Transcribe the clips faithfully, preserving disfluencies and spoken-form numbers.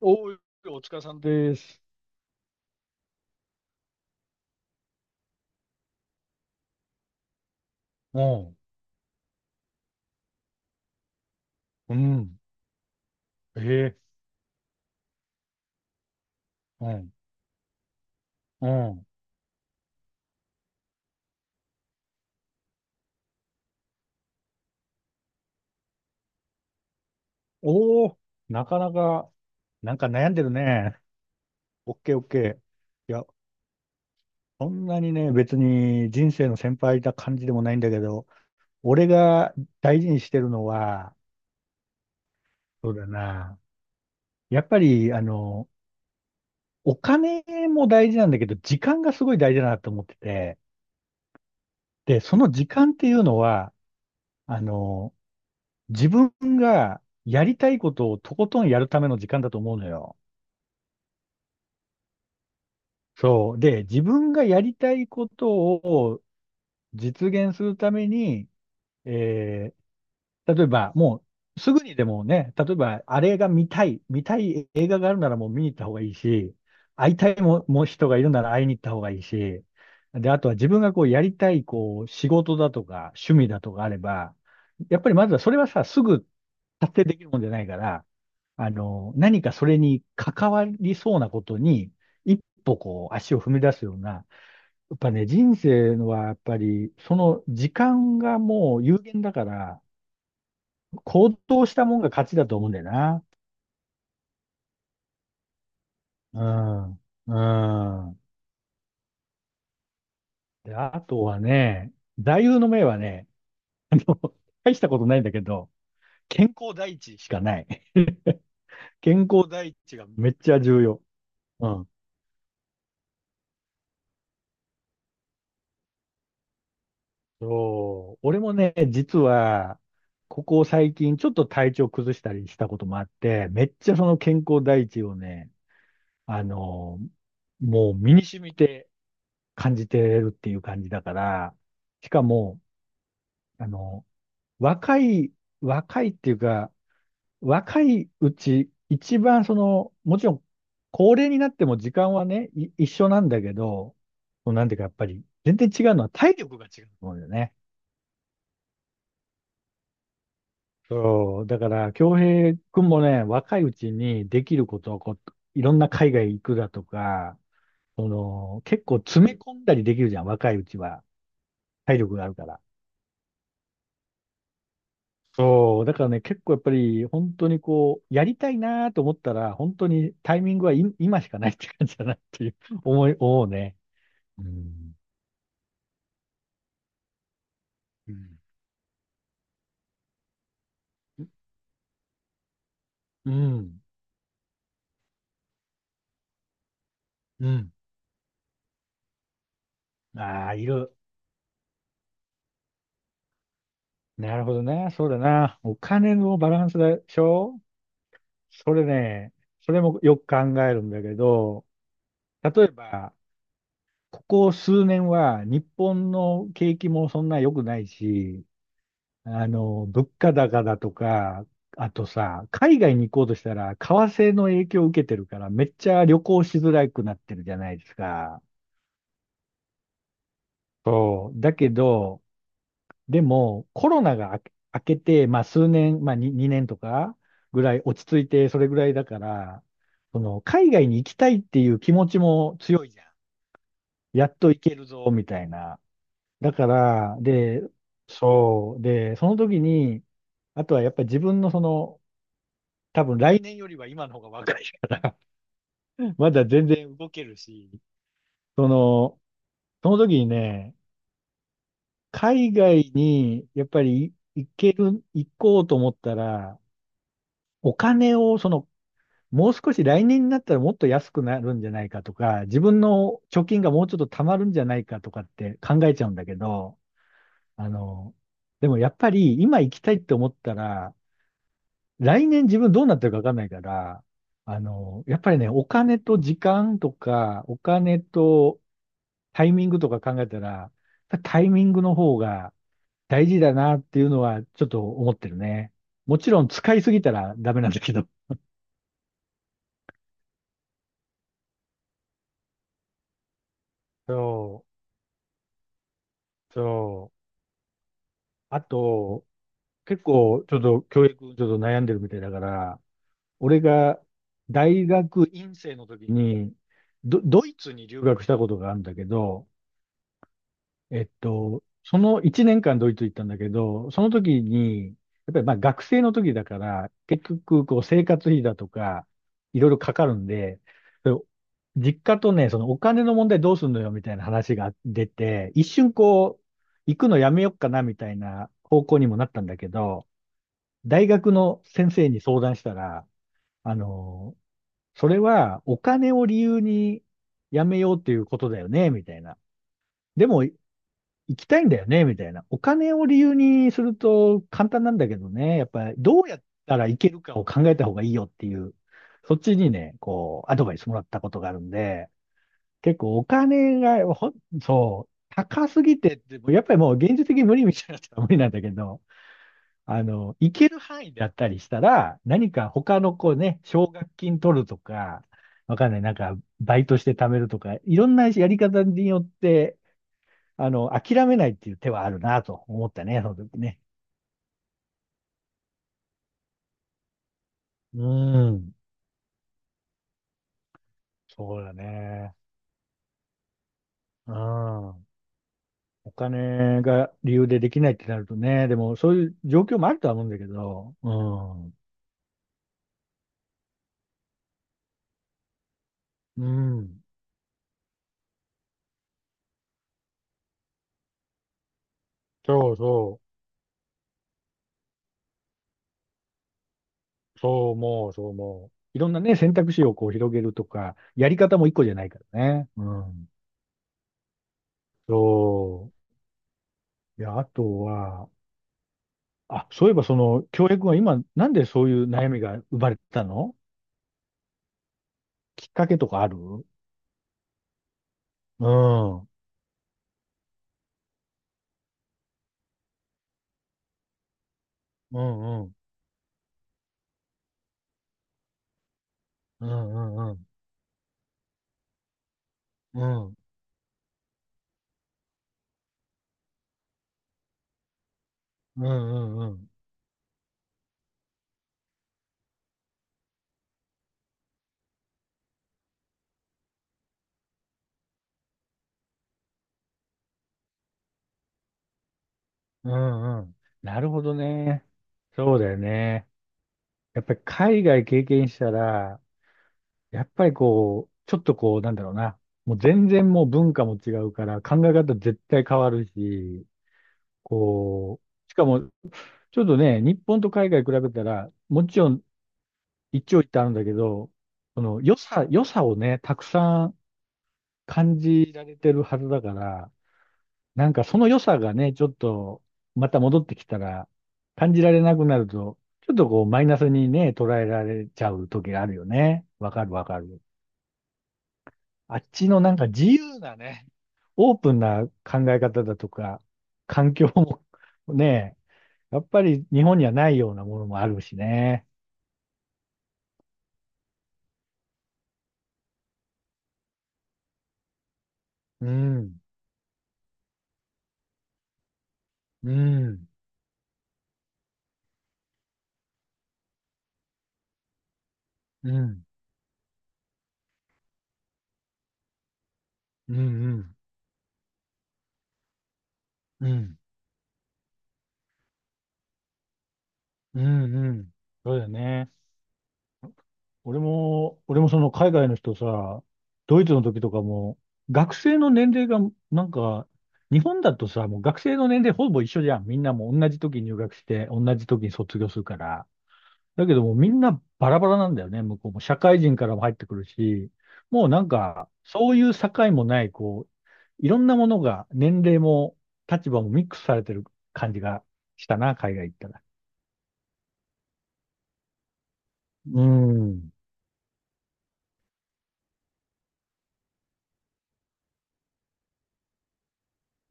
おー、お疲れさんです。うん、うん、ええ、うん、うん。おー、なかなか、なんか悩んでるね。オッケーオッケー。いや、そんなにね、別に人生の先輩な感じでもないんだけど、俺が大事にしてるのは、そうだな。やっぱり、あの、お金も大事なんだけど、時間がすごい大事だなと思ってて、で、その時間っていうのは、あの、自分がやりたいことをとことんやるための時間だと思うのよ。そう。で、自分がやりたいことを実現するために、えー例えば、もう、すぐにでもね、例えば、あれが見たい、見たい映画があるならもう見に行った方がいいし、会いたいも、もう人がいるなら会いに行った方がいいし、で、あとは自分がこうやりたい、こう、仕事だとか、趣味だとかあれば、やっぱりまずはそれはさ、すぐ達成できるもんじゃないから、あの、何かそれに関わりそうなことに、一歩こう、足を踏み出すような、やっぱね、人生のはやっぱり、その時間がもう有限だから、行動したもんが勝ちだと思うんだよな。うん。うん。で、あとはね、座右の銘はね、大したことないんだけど、健康第一しかない。健康第一がめっちゃ重要。うん。そう。俺もね、実は、ここ最近ちょっと体調崩したりしたこともあって、めっちゃその健康第一をね、あの、もう身に染みて感じてるっていう感じだから、しかも、あの、若い、若いっていうか、若いうち、一番その、もちろん、高齢になっても時間はね、い一緒なんだけど、そのなんていうか、やっぱり、全然違うのは体力が違うと思うんだよね。そう、だから、京平くんもね、若いうちにできることをこう、いろんな海外行くだとか、その、結構詰め込んだりできるじゃん、若いうちは。体力があるから。そう、だからね、結構やっぱり、本当にこう、やりたいなと思ったら、本当にタイミングはい今しかないって感じだなっていう 思い、思うね。うん。うん。うん。ああー、いる。なるほどね。そうだな。お金のバランスでしょ。それね、それもよく考えるんだけど、例えば、ここ数年は日本の景気もそんな良くないし、あの、物価高だとか、あとさ、海外に行こうとしたら、為替の影響を受けてるから、めっちゃ旅行しづらくなってるじゃないですか。そう。だけど、でも、コロナが明け明けて、まあ数年、まあに、年とかぐらい落ち着いて、それぐらいだから、その、海外に行きたいっていう気持ちも強いじゃん。やっと行けるぞ、みたいな。だから、で、そう。で、その時に、あとはやっぱり自分のその、多分来年よりは今の方が若いから まだ全然動けるし、その、その時にね、海外にやっぱり行ける、行こうと思ったら、お金をその、もう少し来年になったらもっと安くなるんじゃないかとか、自分の貯金がもうちょっと貯まるんじゃないかとかって考えちゃうんだけど、あの、でもやっぱり今行きたいって思ったら、来年自分どうなってるかわかんないから、あの、やっぱりね、お金と時間とか、お金とタイミングとか考えたら、タイミングの方が大事だなっていうのはちょっと思ってるね。もちろん使いすぎたらダメなんだけど。そう、そう。あと、結構、ちょっと教育、ちょっと悩んでるみたいだから、俺が大学院生の時に、ド、ドイツに留学したことがあるんだけど、えっと、そのいちねんかんドイツ行ったんだけど、その時に、やっぱりまあ学生の時だから、結局こう生活費だとか、いろいろかかるんで、そう実家とね、そのお金の問題どうすんのよみたいな話が出て、一瞬こう、行くのやめよっかなみたいな方向にもなったんだけど、大学の先生に相談したら、あの、それはお金を理由にやめようっていうことだよね、みたいな。でも、行きたいんだよね、みたいな。お金を理由にすると簡単なんだけどね、やっぱりどうやったらいけるかを考えた方がいいよっていう、そっちにね、こう、アドバイスもらったことがあるんで、結構お金が、ほん、そう、高すぎてって、やっぱりもう現実的に無理みたいなやつは無理なんだけど、あの、行ける範囲だったりしたら、何か他のこうね、奨学金取るとか、わかんない、なんか、バイトして貯めるとか、いろんなやり方によって、あの、諦めないっていう手はあるなと思ったね、その時ね。うん。そうだね。うん。お金が理由でできないってなるとね、でもそういう状況もあるとは思うんだけど、うん。うん、そうそう。そう思う、そう思う。いろんなね、選択肢をこう広げるとか、やり方も一個じゃないからね。うん。そういや、あとは、あ、そういえばその、京平は今、なんでそういう悩みが生まれたの？きっかけとかある？うん。うんうん。うんうんうん。うんうんうんうん。うん、なるほどね。そうだよね。やっぱり海外経験したら、やっぱりこう、ちょっとこう、なんだろうな。もう全然もう文化も違うから、考え方絶対変わるし、こう、しかも、ちょっとね、日本と海外比べたら、もちろん一長一短あるんだけど、その良さ、良さをね、たくさん感じられてるはずだから、なんかその良さがね、ちょっとまた戻ってきたら感じられなくなると、ちょっとこうマイナスにね、捉えられちゃう時があるよね。わかるわかる。あっちのなんか自由なね、オープンな考え方だとか、環境も ね、やっぱり日本にはないようなものもあるしね。うん、うん、うん、うん、うん、うん、うん、うん。そうだよね。俺も、俺もその海外の人さ、ドイツの時とかも、学生の年齢が、なんか、日本だとさ、もう学生の年齢ほぼ一緒じゃん。みんなもう同じ時に入学して、同じ時に卒業するから。だけどもうみんなバラバラなんだよね。向こうも社会人からも入ってくるし、もうなんか、そういう境もない、こう、いろんなものが、年齢も立場もミックスされてる感じがしたな、海外行ったら。うん。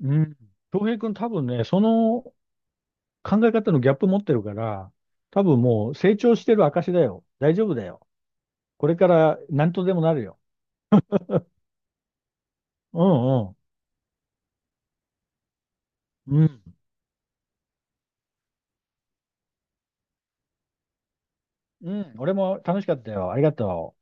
うん。東平君多分ね、その考え方のギャップ持ってるから、多分もう成長してる証だよ。大丈夫だよ。これから何とでもなるよ。うんうん。うん。うん。俺も楽しかったよ。ありがとう。